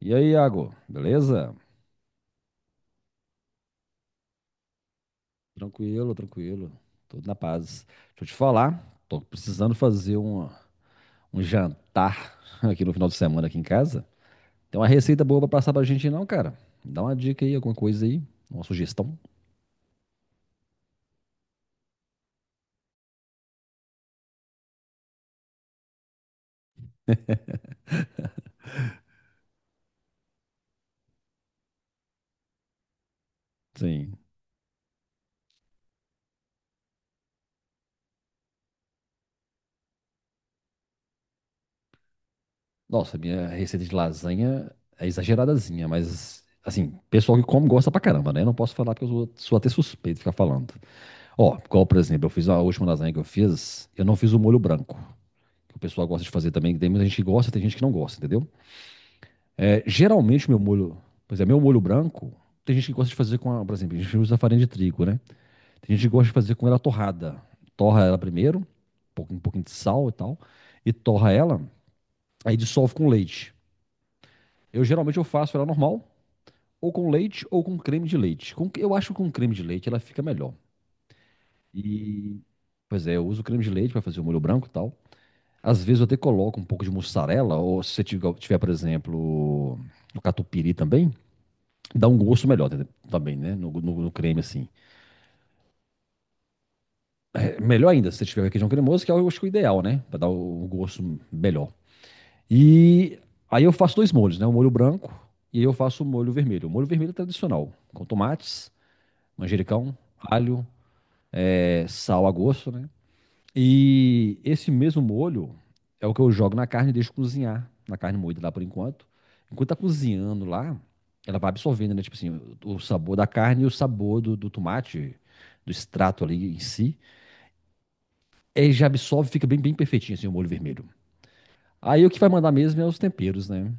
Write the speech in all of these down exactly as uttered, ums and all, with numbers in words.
E aí, Iago, beleza? Tranquilo, tranquilo. Tudo na paz. Deixa eu te falar, tô precisando fazer um, um jantar aqui no final de semana aqui em casa. Tem uma receita boa pra passar pra gente não, cara? Me dá uma dica aí, alguma coisa aí, uma sugestão. Sim. Nossa, minha receita de lasanha é exageradazinha, mas assim, pessoal que come gosta pra caramba, né? Não posso falar porque eu sou, sou até suspeito de ficar falando. Ó, igual, por exemplo, eu fiz a última lasanha que eu fiz, eu não fiz o molho branco, que o pessoal gosta de fazer também, que tem muita gente que gosta, tem gente que não gosta, entendeu? É, geralmente o meu molho, pois é meu molho branco, tem gente que gosta de fazer com, a, por exemplo, a gente usa farinha de trigo, né? Tem gente que gosta de fazer com ela torrada. Torra ela primeiro, um pouquinho, um pouquinho de sal e tal, e torra ela, aí dissolve com leite. Eu geralmente eu faço ela normal, ou com leite, ou com creme de leite. Com- eu acho que com creme de leite ela fica melhor. E, pois é, eu uso creme de leite para fazer o molho branco e tal. Às vezes eu até coloco um pouco de mussarela, ou se você tiver, tiver, por exemplo, o catupiry também, dá um gosto melhor, entendeu? Também, né? No, no- no creme, assim. É melhor ainda se você tiver requeijão cremoso, que é o- eu acho que é o ideal, né? Pra dar o, o gosto melhor. E aí eu faço dois molhos, né? O molho branco e eu faço o molho vermelho. O molho vermelho é tradicional, com tomates, manjericão, alho, é, sal a gosto, né? E esse mesmo molho é o que eu jogo na carne e deixo cozinhar. Na carne moída lá por enquanto. Enquanto tá cozinhando lá, ela vai absorvendo, né? Tipo assim, o o sabor da carne e o sabor do, do tomate, do extrato ali em si. Aí já absorve, fica bem, bem perfeitinho assim o molho vermelho. Aí o que vai mandar mesmo é os temperos, né?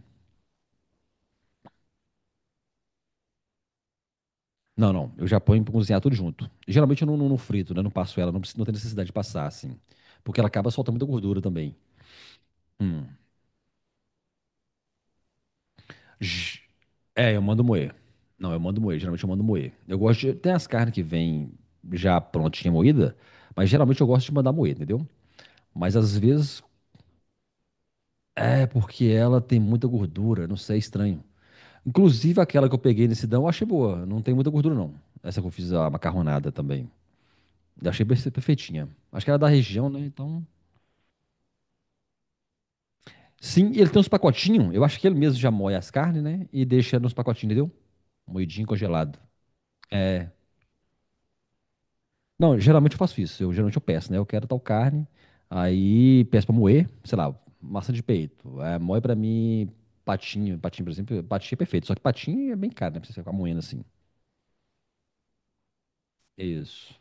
Não, não. Eu já ponho pra cozinhar tudo junto. Geralmente eu não, não, não frito, né? Não passo ela, não, preciso- não tem necessidade de passar, assim. Porque ela acaba soltando muita gordura também. Hum. J- É, eu mando moer. Não, eu mando moer. Geralmente eu mando moer. Eu gosto de. Tem as carnes que vêm já prontinha moída, mas geralmente eu gosto de mandar moer, entendeu? Mas às vezes é porque ela tem muita gordura, não sei, é estranho. Inclusive aquela que eu peguei nesse dão, eu achei boa. Não tem muita gordura, não. Essa que eu fiz a macarronada também. Eu achei perfe- perfeitinha. Acho que era da região, né? Então. Sim, e ele tem uns pacotinhos. Eu acho que ele mesmo já moe as carnes, né? E deixa nos pacotinhos, entendeu? Moidinho congelado. Não, geralmente eu faço isso. Eu geralmente eu peço, né? Eu quero tal carne, aí peço pra moer, sei lá, massa de peito. É, moe pra mim patinho, patinho, por exemplo, patinho é perfeito, só que patinho é bem caro, né? Pra você ficar moendo assim. Isso.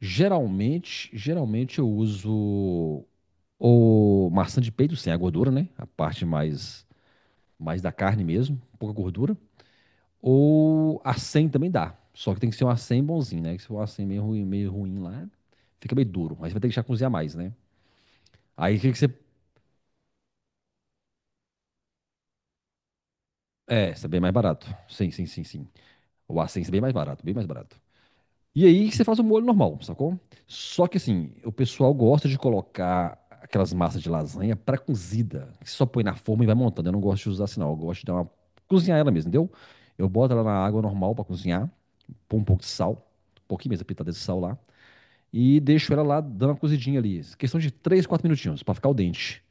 Geralmente, geralmente eu uso o maçã de peito sem a gordura, né? A parte mais mais da carne mesmo, pouca gordura, ou acém também dá. Só que tem que ser um acém bonzinho, né? Que se for um acém meio ruim, meio ruim lá, fica meio duro. Aí você vai ter que já cozinhar mais, né? Aí o que que você É, isso é bem mais barato. Sim, sim, sim, sim. O Ascenso é bem mais barato, bem mais barato. E aí você faz o molho normal, sacou? Só que assim, o pessoal gosta de colocar aquelas massas de lasanha pré-cozida, que só põe na forma e vai montando. Eu não gosto de usar assim, não. Eu gosto de dar uma, cozinhar ela mesmo, entendeu? Eu boto ela na água normal pra cozinhar, põe um pouco de sal, um pouquinho mesmo, pitada de sal lá, e deixo ela lá dando uma cozidinha ali. Questão de três, quatro minutinhos pra ficar o dente.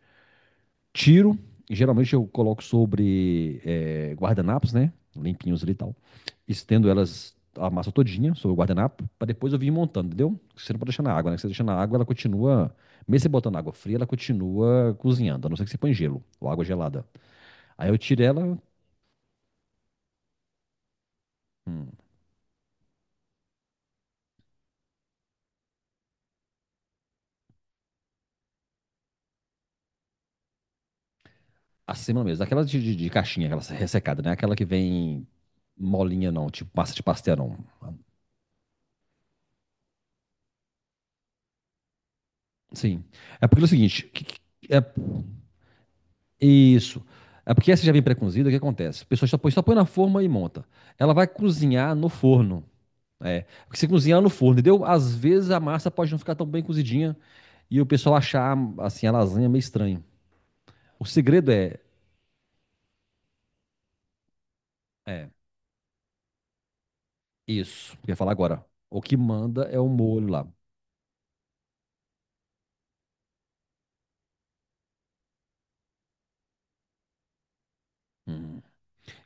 Tiro, e geralmente eu coloco sobre eh, guardanapos, né? Limpinhos ali e tal, estendo elas a massa todinha sobre o guardanapo, para depois eu vir montando, entendeu? Você não pode deixar na água, né? Você deixa na água, ela continua, mesmo você botando água fria, ela continua cozinhando, a não ser que você põe gelo ou água gelada. Aí eu tiro ela, hum, acima mesmo, aquela de, de, de caixinha, aquela ressecada, né? Aquela que vem molinha não, tipo massa de pastel não. Sim. É porque é o seguinte, que- que- é isso. É porque essa já vem pré-cozida, o que acontece? A pessoa só põe, só põe na forma e monta. Ela vai cozinhar no forno. É, porque você cozinha ela no forno, entendeu? Às vezes a massa pode não ficar tão bem cozidinha e o pessoal achar assim a lasanha meio estranho. O segredo é, é isso, que eu ia falar agora. O que manda é o molho lá. Hum.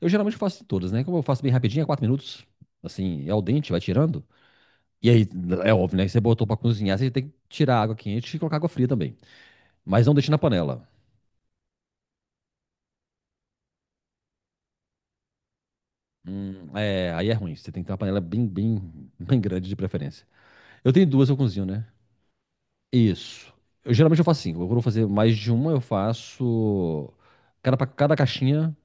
Eu geralmente faço todas, né? Como eu faço bem rapidinho, é quatro minutos, assim, é ao dente, vai tirando. E aí, é óbvio, né? Que você botou pra cozinhar, você tem que tirar a água quente e colocar água fria também. Mas não deixe na panela. Hum, é, aí é ruim. Você tem que ter uma panela bem, bem, bem grande de preferência. Eu tenho duas, eu cozinho, né? Isso. Eu, geralmente eu faço assim. Eu vou fazer mais de uma, eu faço cada para cada caixinha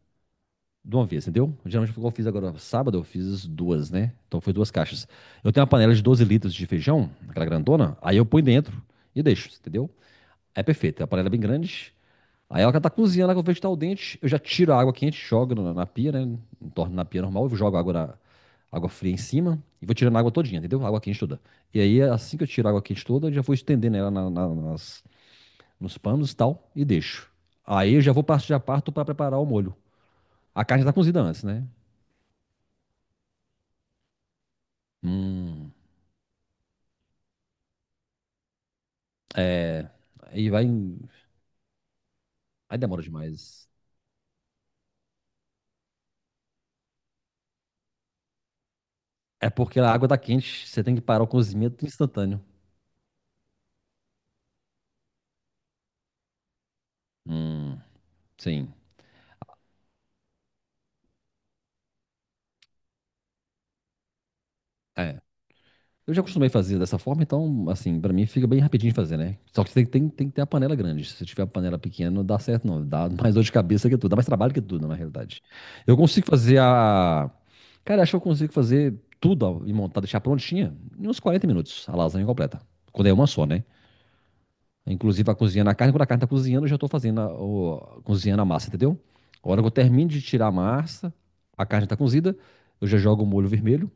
de uma vez, entendeu? Geralmente eu fiz agora sábado, eu fiz duas, né? Então foi duas caixas. Eu tenho uma panela de doze litros de feijão, aquela grandona, aí eu ponho dentro e deixo, entendeu? É perfeito. É a panela é bem grande. Aí ela tá cozinhando, ela que eu vejo que tá o dente, eu já tiro a água quente, jogo na, na pia, né? Torno na pia normal, eu jogo a água, na- água fria em cima e vou tirando a água todinha, entendeu? A água quente toda. E aí, assim que eu tiro a água quente toda, eu já vou estendendo ela na- na- nas, nos panos e tal, e deixo. Aí eu já vou partir já parto para preparar o molho. A carne já tá cozida antes, né? Hum, aí vai. em- Aí demora demais. É porque a água tá quente, você tem que parar o cozimento instantâneo. Hum, sim. É. Eu já acostumei fazer dessa forma, então, assim, pra mim fica bem rapidinho de fazer, né? Só que você tem, tem- tem que ter a panela grande. Se você tiver a panela pequena, não dá certo, não. Dá mais dor de cabeça que tudo. Dá mais trabalho que tudo, na realidade. Eu consigo fazer a. Cara, acho que eu consigo fazer tudo ó, e montar, deixar prontinha em uns quarenta minutos, a lasanha completa. Quando é uma só, né? Inclusive, a cozinhando a carne, quando a carne tá cozinhando, eu já tô fazendo a, o- cozinhando a massa, entendeu? A hora que eu termino de tirar a massa, a carne tá cozida, eu já jogo o molho vermelho.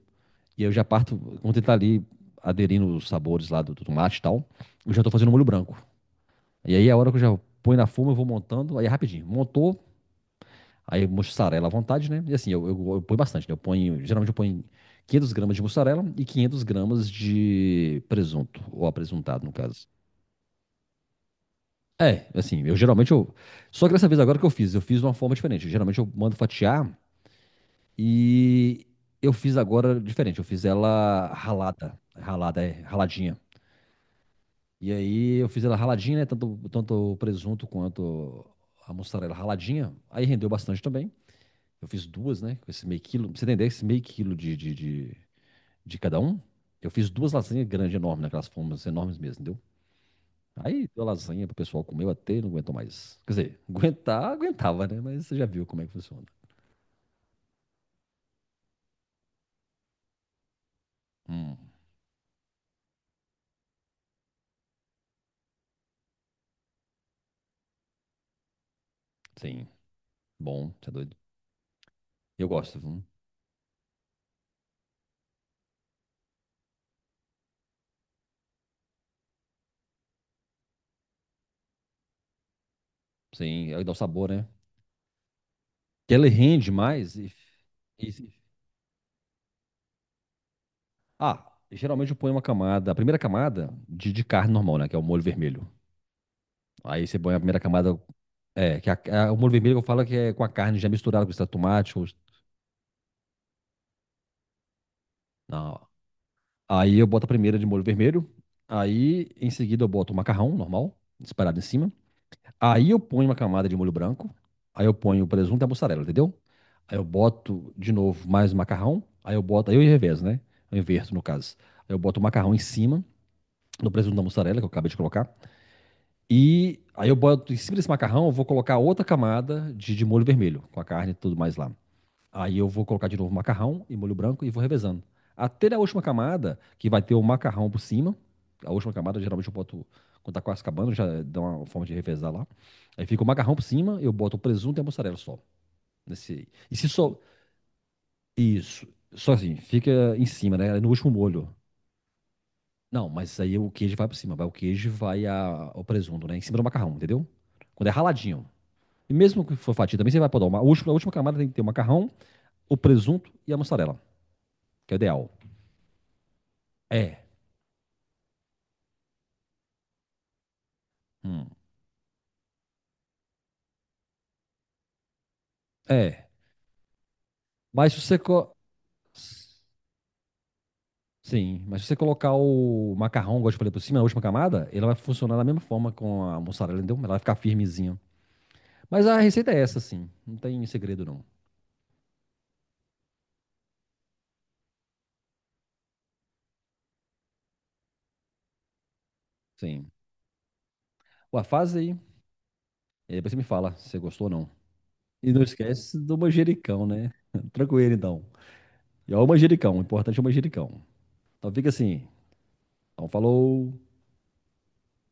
E aí eu já parto, quando ele tá ali aderindo os sabores lá do, do tomate e tal, eu já tô fazendo o molho branco. E aí é a hora que eu já põe na forma, eu vou montando, aí é rapidinho. Montou, aí mussarela à vontade, né? E assim, eu, eu, eu ponho bastante, né? Eu ponho, geralmente eu ponho 500 gramas de mussarela e 500 gramas de presunto, ou apresuntado, no caso. É, assim, eu geralmente eu. Só que dessa vez agora que eu fiz, eu fiz de uma forma diferente. Geralmente eu mando fatiar e eu fiz agora diferente. Eu fiz ela ralada, ralada, é, raladinha. E aí eu fiz ela raladinha, né? Tanto, tanto o presunto quanto a mussarela raladinha. Aí rendeu bastante também. Eu fiz duas, né? Com esse meio quilo. Pra você entender, esse meio quilo de, de, de, de cada um. Eu fiz duas lasanhas grandes, enormes, naquelas formas enormes mesmo, entendeu? Aí deu lasanha pro pessoal comer até não aguentou mais. Quer dizer, aguentar, aguentava, né? Mas você já viu como é que funciona. Hum, sim. Bom, você é doido. Eu gosto, viu? Sim, aí dá o sabor, né? Que ele rende mais e, e Ah, geralmente eu ponho uma camada, a primeira camada de, de carne normal, né? Que é o molho vermelho. Aí você põe a primeira camada, é, que é a- é o molho vermelho que eu falo que é com a carne já misturada com extrato de tomate. Ou. Não. Aí eu boto a primeira de molho vermelho. Aí em seguida eu boto o macarrão normal, disparado em cima. Aí eu ponho uma camada de molho branco. Aí eu ponho o presunto e a mussarela, entendeu? Aí eu boto de novo mais o macarrão. Aí eu boto, aí eu revezo, né? Eu inverto no caso. Aí eu boto o macarrão em cima do presunto da mussarela que eu acabei de colocar. E aí eu boto em cima desse macarrão, eu vou colocar outra camada de, de molho vermelho, com a carne e tudo mais lá. Aí eu vou colocar de novo macarrão e molho branco e vou revezando. Até na última camada, que vai ter o macarrão por cima. A última camada, geralmente eu boto, quando tá quase acabando, já dá uma forma de revezar lá. Aí fica o macarrão por cima, eu boto o presunto e a mussarela só. Nesse, e se só. Isso. Só assim, fica em cima, né? No último molho. Não, mas aí o queijo vai por cima, vai o queijo vai a, o presunto, né? Em cima do macarrão, entendeu? Quando é raladinho. E mesmo que for fatia, também você vai podar. Uma, a, última, a última camada tem que ter o macarrão, o presunto e a mussarela, que é o ideal. É. Hum. É. Mas se você. Co- Sim, mas se você colocar o macarrão, igual eu te falei, por cima, na última camada, ele vai funcionar da mesma forma com a mussarela, entendeu? Ela vai ficar firmezinha. Mas a receita é essa, sim. Não tem segredo, não. Sim. Ué, faz aí. E aí depois você me fala se você gostou ou não. E não esquece do manjericão, né? Tranquilo, então. E ó, o manjericão. O importante é o manjericão. Então fica assim. Então falou.